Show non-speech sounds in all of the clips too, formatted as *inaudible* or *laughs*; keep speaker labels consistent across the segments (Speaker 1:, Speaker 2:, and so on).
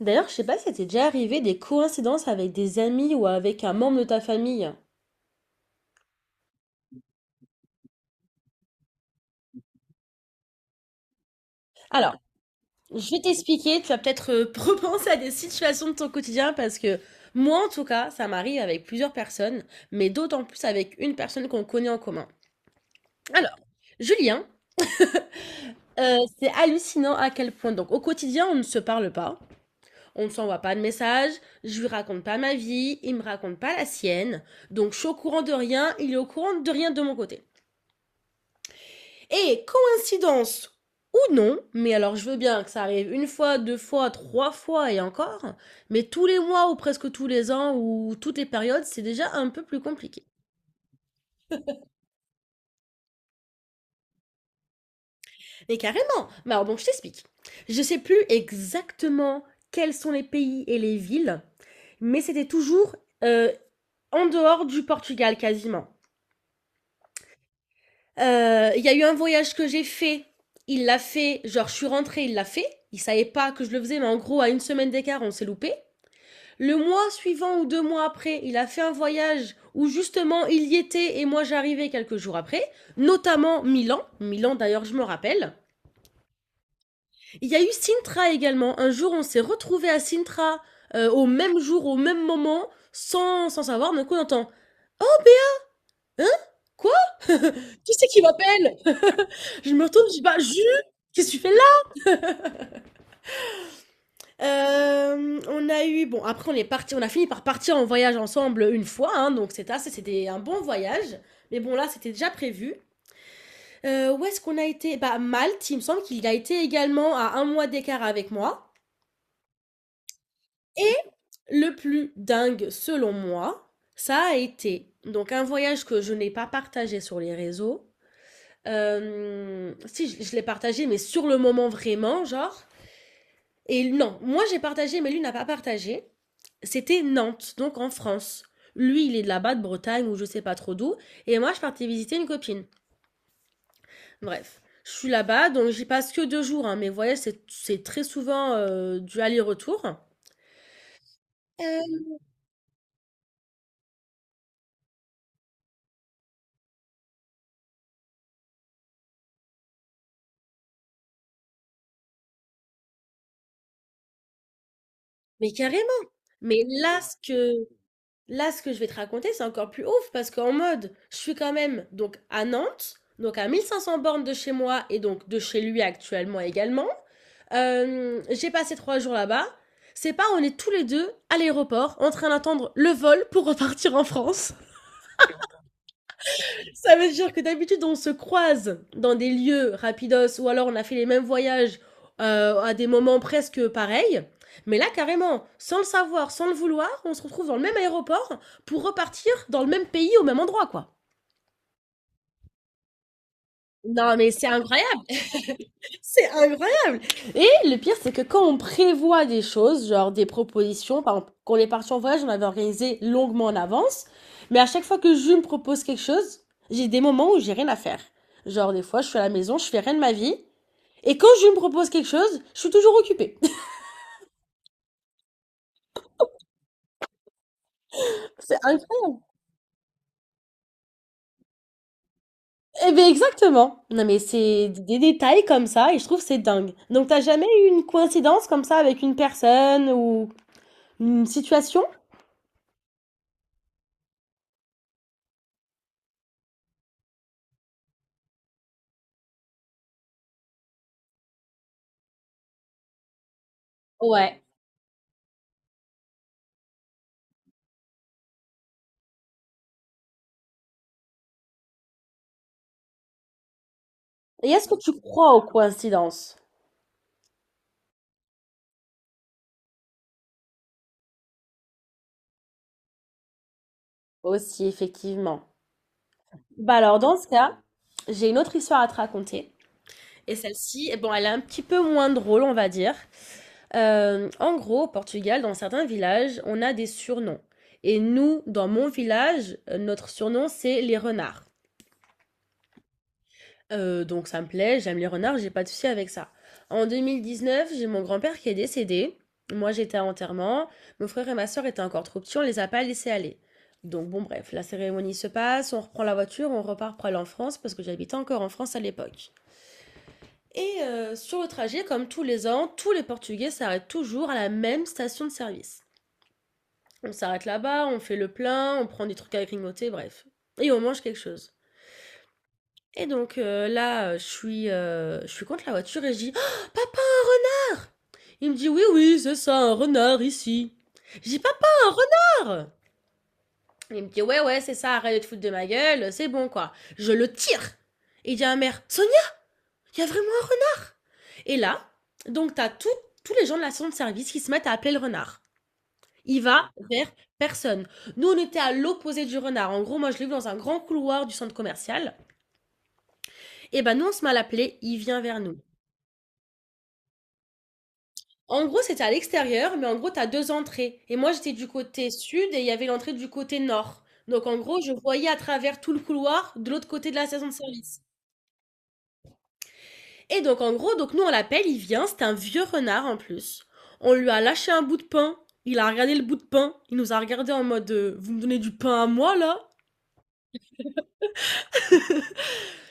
Speaker 1: D'ailleurs, je sais pas si ça t'est déjà arrivé des coïncidences avec des amis ou avec un membre de ta famille. Alors, je vais t'expliquer, tu vas peut-être *laughs* repenser à des situations de ton quotidien parce que moi, en tout cas, ça m'arrive avec plusieurs personnes, mais d'autant plus avec une personne qu'on connaît en commun. Alors, Julien, c'est hallucinant à quel point. Donc, au quotidien, on ne se parle pas, on ne s'envoie pas de messages, je lui raconte pas ma vie, il me raconte pas la sienne, donc je suis au courant de rien, il est au courant de rien de mon côté. Et coïncidence ou non, mais alors je veux bien que ça arrive une fois, deux fois, trois fois et encore, mais tous les mois ou presque tous les ans ou toutes les périodes, c'est déjà un peu plus compliqué. Mais carrément. Mais alors donc je t'explique. Je sais plus exactement quels sont les pays et les villes, mais c'était toujours euh, en dehors du Portugal quasiment. Il y a eu un voyage que j'ai fait, il l'a fait, genre je suis rentrée, il l'a fait, il savait pas que je le faisais, mais en gros à une semaine d'écart on s'est loupé. Le mois suivant ou deux mois après, il a fait un voyage où justement il y était et moi j'arrivais quelques jours après, notamment Milan. Milan d'ailleurs je me rappelle. Il y a eu Sintra également. Un jour on s'est retrouvé à Sintra au même jour, au même moment, sans savoir. D'un coup on entend: Hein? Quoi? *laughs* Qui c'est qui m'appelle? Je me retourne, je dis: Bah, Jules! Qu'est-ce que tu fais là? On a eu. Bon, après on est parti, on a fini par partir en voyage ensemble une fois, hein, donc c'était assez, c'était un bon voyage. Mais bon, là c'était déjà prévu. Où est-ce qu'on a été? Bah, Malte, il me semble qu'il a été également à un mois d'écart avec moi. Et le plus dingue, selon moi, ça a été donc un voyage que je n'ai pas partagé sur les réseaux. Si, je l'ai partagé, mais sur le moment vraiment, genre. Et non, moi j'ai partagé, mais lui n'a pas partagé. C'était Nantes, donc en France. Lui, il est de là-bas, de Bretagne, ou je sais pas trop d'où. Et moi, je partais visiter une copine. Bref, je suis là-bas, donc j'y passe que deux jours, hein, mais vous voyez, c'est très souvent du aller-retour. Euh, Mais carrément. Mais là, ce que, là, ce que je vais te raconter, c'est encore plus ouf parce qu'en mode, je suis quand même donc à Nantes, donc à 1500 bornes de chez moi et donc de chez lui actuellement également. J'ai passé trois jours là-bas. C'est pas, on est tous les deux à l'aéroport en train d'attendre le vol pour repartir en France. Ça veut dire que d'habitude, on se croise dans des lieux rapidos ou alors on a fait les mêmes voyages à des moments presque pareils. Mais là, carrément, sans le savoir, sans le vouloir, on se retrouve dans le même aéroport pour repartir dans le même pays au même endroit, quoi. Non, mais c'est incroyable. C'est incroyable! Et le pire, c'est que quand on prévoit des choses, genre des propositions, par exemple, quand on est parti en voyage, on avait organisé longuement en avance, mais à chaque fois que je me propose quelque chose, j'ai des moments où j'ai rien à faire. Genre, des fois, je suis à la maison, je fais rien de ma vie, et quand je me propose quelque chose, je suis toujours occupée. *laughs* C'est incroyable! Eh ben, exactement! Non, mais c'est des détails comme ça, et je trouve que c'est dingue. Donc, t'as jamais eu une coïncidence comme ça avec une personne ou une situation? Ouais. Et est-ce que tu crois aux coïncidences? Aussi, effectivement. Bah alors, dans ce cas, j'ai une autre histoire à te raconter. Et celle-ci, eh bon, elle est un petit peu moins drôle, on va dire. En gros, au Portugal, dans certains villages, on a des surnoms. Et nous, dans mon village, notre surnom, c'est les renards. Donc ça me plaît, j'aime les renards, j'ai pas de souci avec ça. En 2019, j'ai mon grand-père qui est décédé. Moi, j'étais à l'enterrement, mon frère et ma sœur étaient encore trop petits, on les a pas laissés aller. Donc bon, bref, la cérémonie se passe, on reprend la voiture, on repart pour aller en France parce que j'habitais encore en France à l'époque. Et sur le trajet, comme tous les ans, tous les Portugais s'arrêtent toujours à la même station de service. On s'arrête là-bas, on fait le plein, on prend des trucs à grignoter, bref. Et on mange quelque chose. Et donc là, je suis contre la voiture et je dis: Oh, Papa! Il me dit: Oui, oui, c'est ça, un renard ici. Je dis: Papa, un renard! Il me dit: Ouais, ouais, c'est ça, arrête de te foutre de ma gueule, c'est bon quoi. Je le tire. Et il dit à ma mère: Sonia, il y a vraiment un renard! Et là, donc t'as tout, tous les gens de la station de service qui se mettent à appeler le renard. Il va vers personne. Nous, on était à l'opposé du renard. En gros, moi, je l'ai vu dans un grand couloir du centre commercial. Et ben, nous, on se met à l'appeler, il vient vers nous. En gros, c'était à l'extérieur, mais en gros, tu as deux entrées. Et moi, j'étais du côté sud et il y avait l'entrée du côté nord. Donc, en gros, je voyais à travers tout le couloir de l'autre côté de la station de service. Et donc, en gros, donc nous, on l'appelle, il vient. C'est un vieux renard en plus. On lui a lâché un bout de pain. Il a regardé le bout de pain. Il nous a regardé en mode Vous me donnez du pain à moi, là?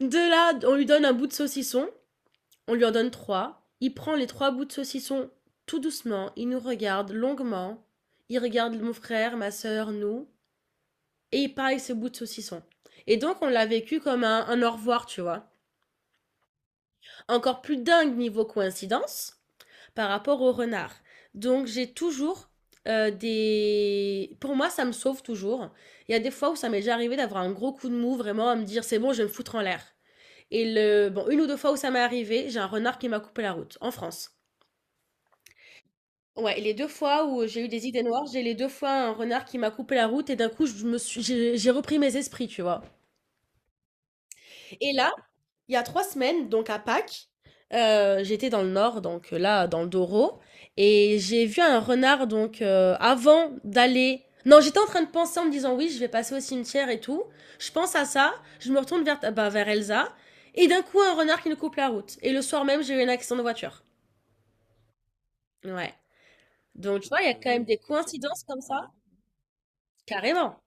Speaker 1: De là, on lui donne un bout de saucisson. On lui en donne trois. Il prend les trois bouts de saucisson tout doucement. Il nous regarde longuement. Il regarde mon frère, ma sœur, nous. Et pareil, ce bout de saucisson. Et donc, on l'a vécu comme un au revoir, tu vois. Encore plus dingue niveau coïncidence par rapport au renard. Donc, j'ai toujours des. Pour moi, ça me sauve toujours. Il y a des fois où ça m'est déjà arrivé d'avoir un gros coup de mou, vraiment, à me dire c'est bon, je vais me foutre en l'air. Et le… bon, une ou deux fois où ça m'est arrivé, j'ai un renard qui m'a coupé la route, en France. Ouais, et les deux fois où j'ai eu des idées noires, j'ai les deux fois un renard qui m'a coupé la route et d'un coup, je me suis… j'ai repris mes esprits, tu vois. Et là, il y a trois semaines, donc à Pâques, j'étais dans le nord, donc là, dans le Doro, et j'ai vu un renard, donc avant d'aller… Non, j'étais en train de penser en me disant oui, je vais passer au cimetière et tout. Je pense à ça, je me retourne vers, bah, vers Elsa, et d'un coup, un renard qui nous coupe la route. Et le soir même, j'ai eu un accident de voiture. Ouais. Donc, tu vois, il y a quand même des coïncidences comme ça. Carrément.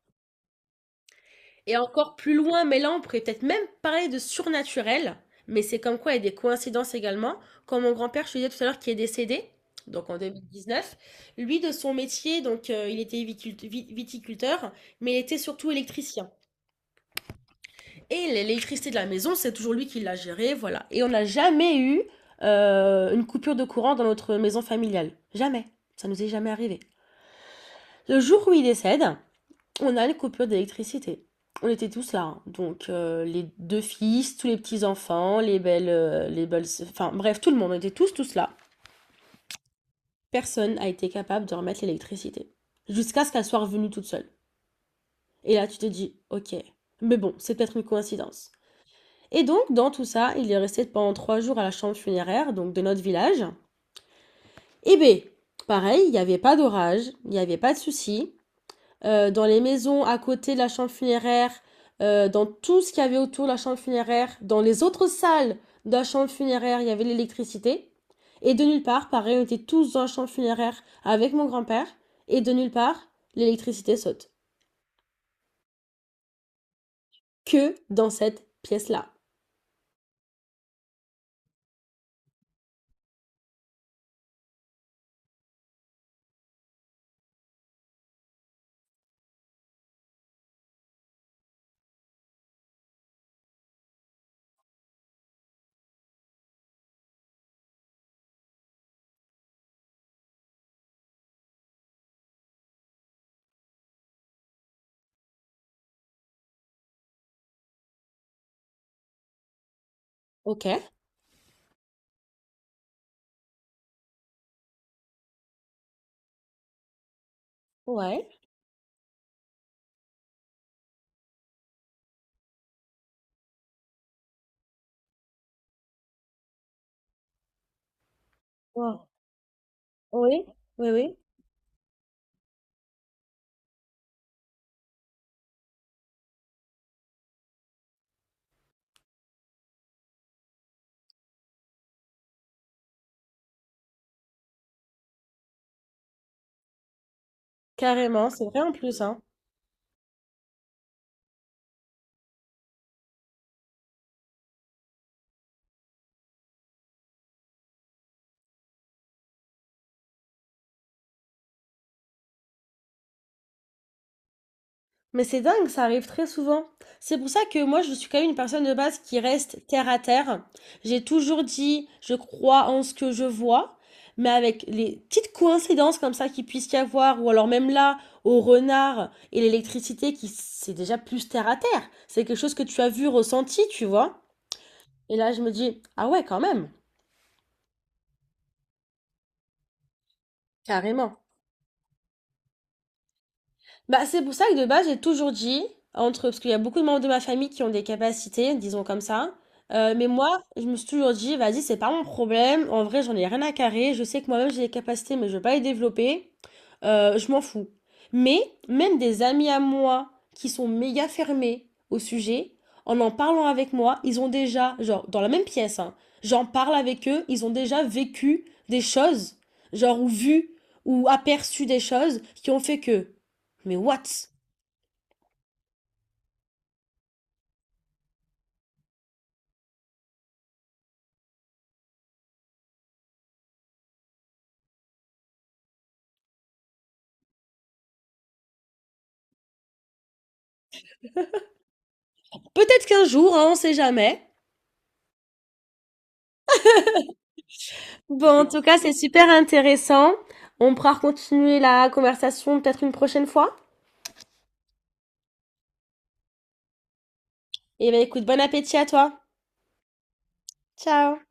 Speaker 1: Et encore plus loin, mais là, on pourrait peut-être même parler de surnaturel. Mais c'est comme quoi, il y a des coïncidences également. Comme mon grand-père, je te disais tout à l'heure, qui est décédé, donc en 2019, lui, de son métier, donc il était viticult- vi- viticulteur, mais il était surtout électricien. Et l'électricité de la maison, c'est toujours lui qui l'a gérée, voilà. Et on n'a jamais eu une coupure de courant dans notre maison familiale. Jamais. Ça nous est jamais arrivé. Le jour où il décède, on a une coupure d'électricité. On était tous là, hein. Donc les deux fils, tous les petits-enfants, les belles… Enfin bref, tout le monde, on était tous là. Personne n'a été capable de remettre l'électricité. Jusqu'à ce qu'elle soit revenue toute seule. Et là, tu te dis, ok, mais bon, c'est peut-être une coïncidence. Et donc, dans tout ça, il est resté pendant trois jours à la chambre funéraire, donc de notre village. Et ben, pareil, il n'y avait pas d'orage, il n'y avait pas de souci. Euh, dans les maisons à côté de la chambre funéraire, dans tout ce qu'il y avait autour de la chambre funéraire, dans les autres salles de la chambre funéraire, il y avait l'électricité. Et de nulle part, pareil, on était tous dans la chambre funéraire avec mon grand-père. Et de nulle part, l'électricité saute. Que dans cette pièce-là. Ok. Ouais. Ouais. Oui. Oui, oui. Carrément, c'est vrai en plus, hein. Mais c'est dingue, ça arrive très souvent. C'est pour ça que moi, je suis quand même une personne de base qui reste terre à terre. J'ai toujours dit, je crois en ce que je vois, mais avec les petites coïncidences comme ça qu'il puisse y avoir, ou alors même là, au renard et l'électricité qui, c'est déjà plus terre à terre. C'est quelque chose que tu as vu, ressenti, tu vois. Et là, je me dis, ah ouais, quand même, carrément. Bah, c'est pour ça que de base, j'ai toujours dit, entre, parce qu'il y a beaucoup de membres de ma famille qui ont des capacités, disons comme ça, mais moi, je me suis toujours dit, vas-y, c'est pas mon problème, en vrai, j'en ai rien à carrer, je sais que moi-même j'ai des capacités, mais je veux pas les développer, je m'en fous. Mais même des amis à moi qui sont méga fermés au sujet, en en parlant avec moi, ils ont déjà, genre, dans la même pièce, hein, j'en parle avec eux, ils ont déjà vécu des choses, genre, ou vu, ou aperçu des choses qui ont fait que. Mais what? Peut-être qu'un jour, hein, on sait jamais. Bon, en tout cas, c'est super intéressant. On pourra continuer la conversation peut-être une prochaine fois. Et ben écoute, bon appétit à toi. Ciao.